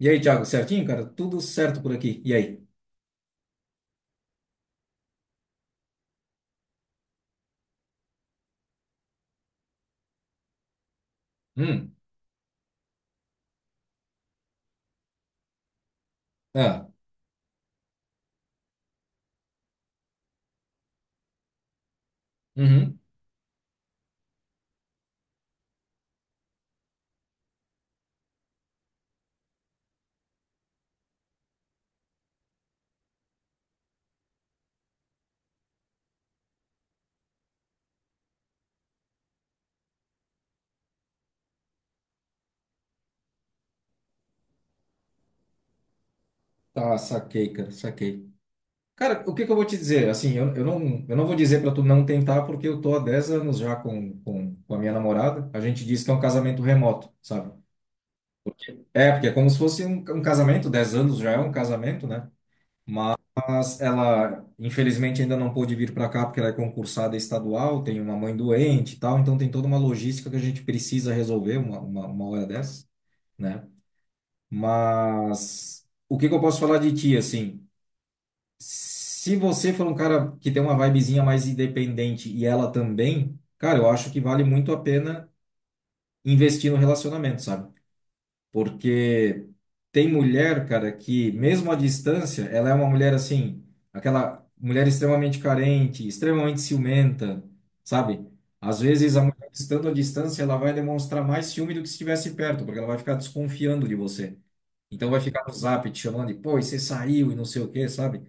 E aí, Thiago, certinho, cara? Tudo certo por aqui. E aí? Hum. Ah. Uhum. Tá, saquei. Cara, o que que eu vou te dizer? Assim, eu não vou dizer para tu não tentar, porque eu tô há 10 anos já com a minha namorada. A gente diz que é um casamento remoto, sabe? É, porque é como se fosse um casamento. 10 anos já é um casamento, né? Mas ela, infelizmente, ainda não pôde vir para cá, porque ela é concursada estadual, tem uma mãe doente e tal, então tem toda uma logística que a gente precisa resolver uma hora dessa, né? Mas o que que eu posso falar de ti, assim? Se você for um cara que tem uma vibezinha mais independente e ela também, cara, eu acho que vale muito a pena investir no relacionamento, sabe? Porque tem mulher, cara, que mesmo à distância, ela é uma mulher assim, aquela mulher extremamente carente, extremamente ciumenta, sabe? Às vezes a mulher estando à distância, ela vai demonstrar mais ciúme do que se estivesse perto, porque ela vai ficar desconfiando de você. Então vai ficar no zap te chamando e, pô, e você saiu e não sei o quê, sabe?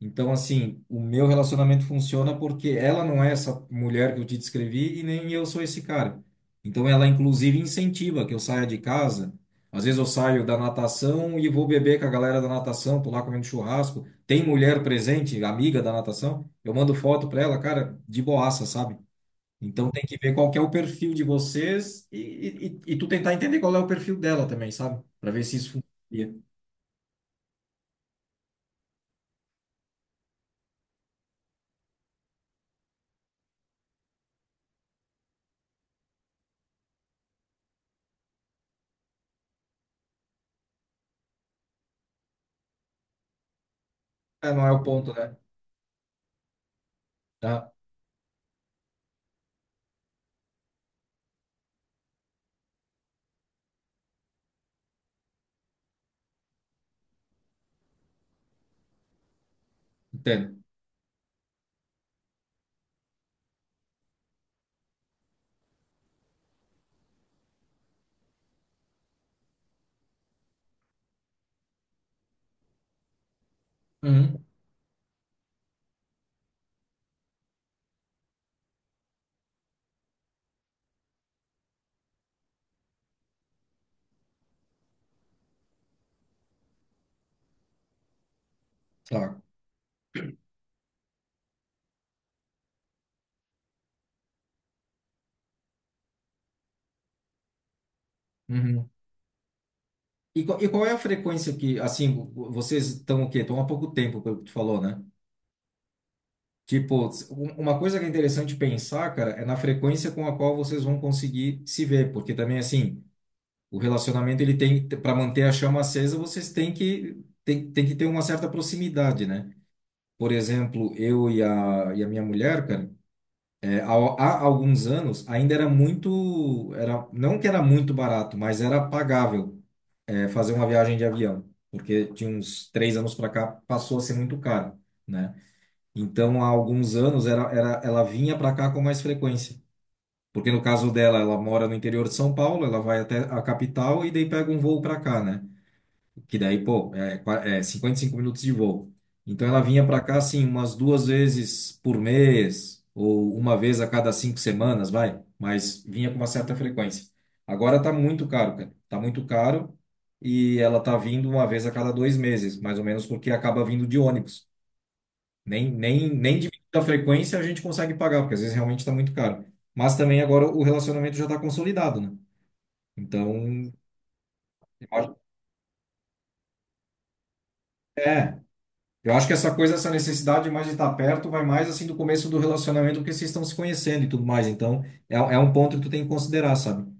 Então, assim, o meu relacionamento funciona porque ela não é essa mulher que eu te descrevi e nem eu sou esse cara. Então ela, inclusive, incentiva que eu saia de casa. Às vezes eu saio da natação e vou beber com a galera da natação, tô lá comendo churrasco. Tem mulher presente, amiga da natação, eu mando foto pra ela, cara, de boaça, sabe? Então tem que ver qual que é o perfil de vocês e tu tentar entender qual é o perfil dela também, sabe? Pra ver se isso funciona. É, não é o ponto, né? Tá, entendo. Uhum, claro. Uhum. E qual- e qual é a frequência que, assim, vocês estão o quê? Estão há pouco tempo, pelo que tu falou, né? Tipo, uma coisa que é interessante pensar, cara, é na frequência com a qual vocês vão conseguir se ver, porque também, assim, o relacionamento, ele tem, para manter a chama acesa, vocês têm que, tem que ter uma certa proximidade, né? Por exemplo, eu e a minha mulher, cara, é, há alguns anos ainda era muito, não que era muito barato, mas era pagável, é, fazer uma viagem de avião, porque de uns 3 anos para cá passou a ser muito caro, né? Então há alguns anos ela vinha para cá com mais frequência, porque no caso dela, ela mora no interior de São Paulo, ela vai até a capital e daí pega um voo para cá, né? Que daí, pô, é, é 55 minutos de voo. Então ela vinha para cá, assim, umas 2 vezes por mês, ou uma vez a cada 5 semanas, vai. Mas vinha com uma certa frequência. Agora tá muito caro, cara. Tá muito caro e ela tá vindo uma vez a cada 2 meses, mais ou menos, porque acaba vindo de ônibus. Nem diminuindo a frequência a gente consegue pagar, porque às vezes realmente tá muito caro. Mas também agora o relacionamento já tá consolidado, né? Então, eu acho- é. Eu acho que essa coisa, essa necessidade mais de estar perto, vai mais assim do começo do relacionamento, porque vocês estão se conhecendo e tudo mais. Então, é, é um ponto que tu tem que considerar, sabe?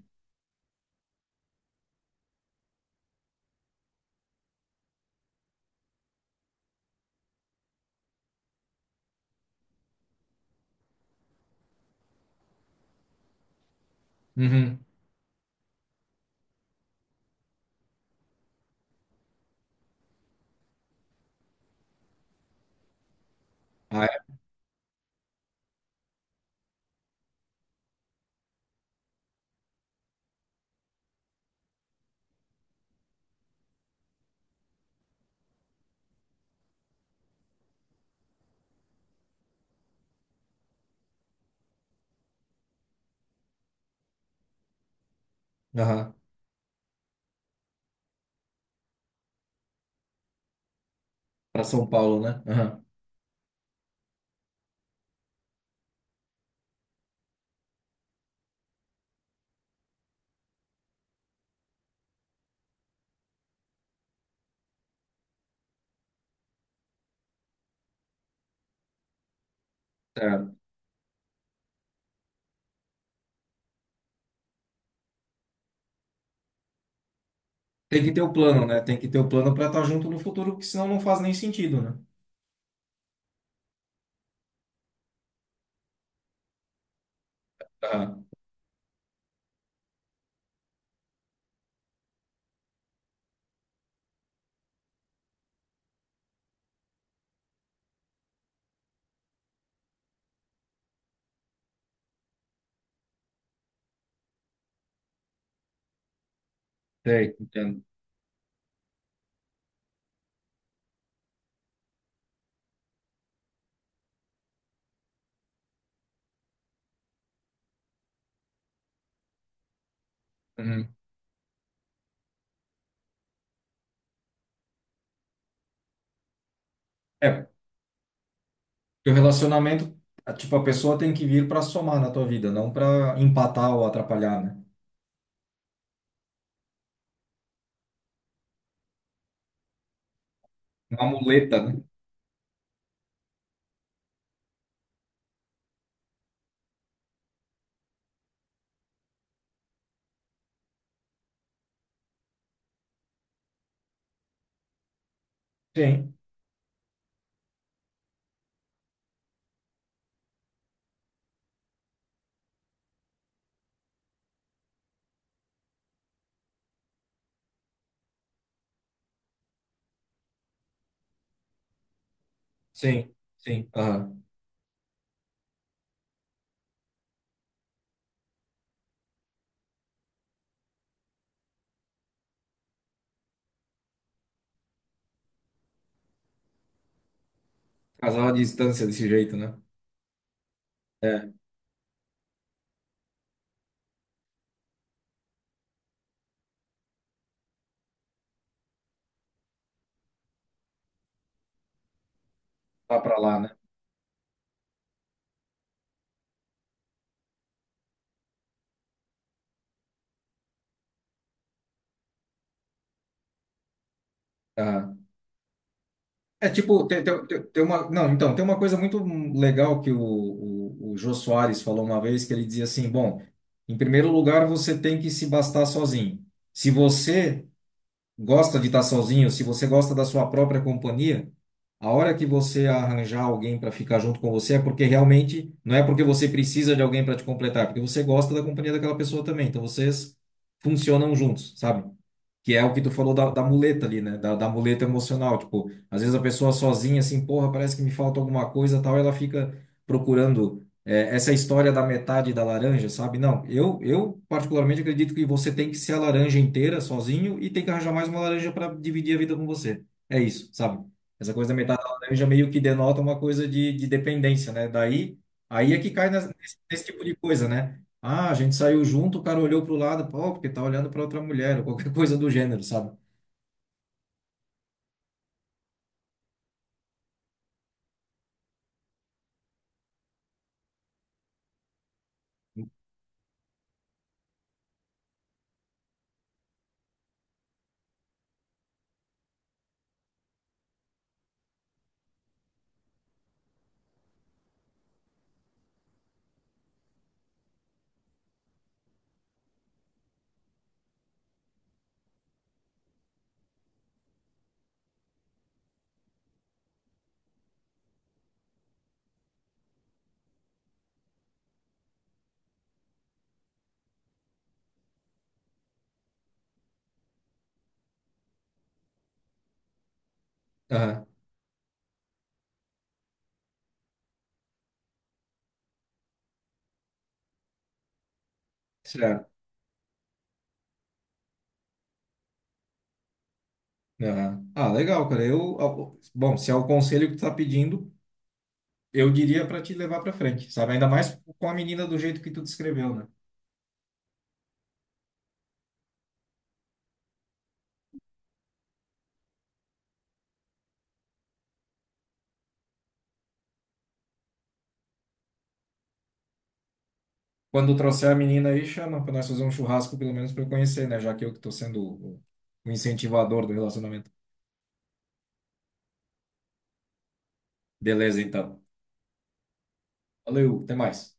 Uhum. Ah, é? Aham. Para São Paulo, né? Aham. Certo. Tem que ter o plano, né? Tem que ter o plano para estar junto no futuro, porque senão não faz nem sentido, né? Aham. Sei, entendo. Uhum. É, porque o relacionamento, tipo, a pessoa tem que vir para somar na tua vida, não para empatar ou atrapalhar, né? Uma muleta, né? Sim, sim, sim. Aham. Casal à distância desse jeito, né? É. Lá para lá, né? Aham. É tipo, tem uma. Não, então, tem uma coisa muito legal que o Jô Soares falou uma vez, que ele dizia assim: bom, em primeiro lugar, você tem que se bastar sozinho. Se você gosta de estar sozinho, se você gosta da sua própria companhia, a hora que você arranjar alguém para ficar junto com você é porque realmente não é porque você precisa de alguém para te completar, é porque você gosta da companhia daquela pessoa também. Então vocês funcionam juntos, sabe? Que é o que tu falou da, da muleta ali, né? Da muleta emocional. Tipo, às vezes a pessoa sozinha, assim, porra, parece que me falta alguma coisa, tal, ela fica procurando é, essa história da metade da laranja, sabe? Não, eu particularmente acredito que você tem que ser a laranja inteira, sozinho, e tem que arranjar mais uma laranja para dividir a vida com você. É isso, sabe? Essa coisa da metade da laranja meio que denota uma coisa de dependência, né? Daí, aí é que cai nesse, nesse tipo de coisa, né? Ah, a gente saiu junto, o cara olhou pro lado, pô, porque tá olhando pra outra mulher, ou qualquer coisa do gênero, sabe? Aham, certo. Aham. Ah, legal, cara. Eu, ó, bom, se é o conselho que tu tá pedindo, eu diria pra te levar pra frente, sabe? Ainda mais com a menina do jeito que tu descreveu, né? Quando trouxer a menina aí, chama pra nós fazer um churrasco, pelo menos pra eu conhecer, né? Já que eu que tô sendo o incentivador do relacionamento. Beleza, então. Valeu, até mais.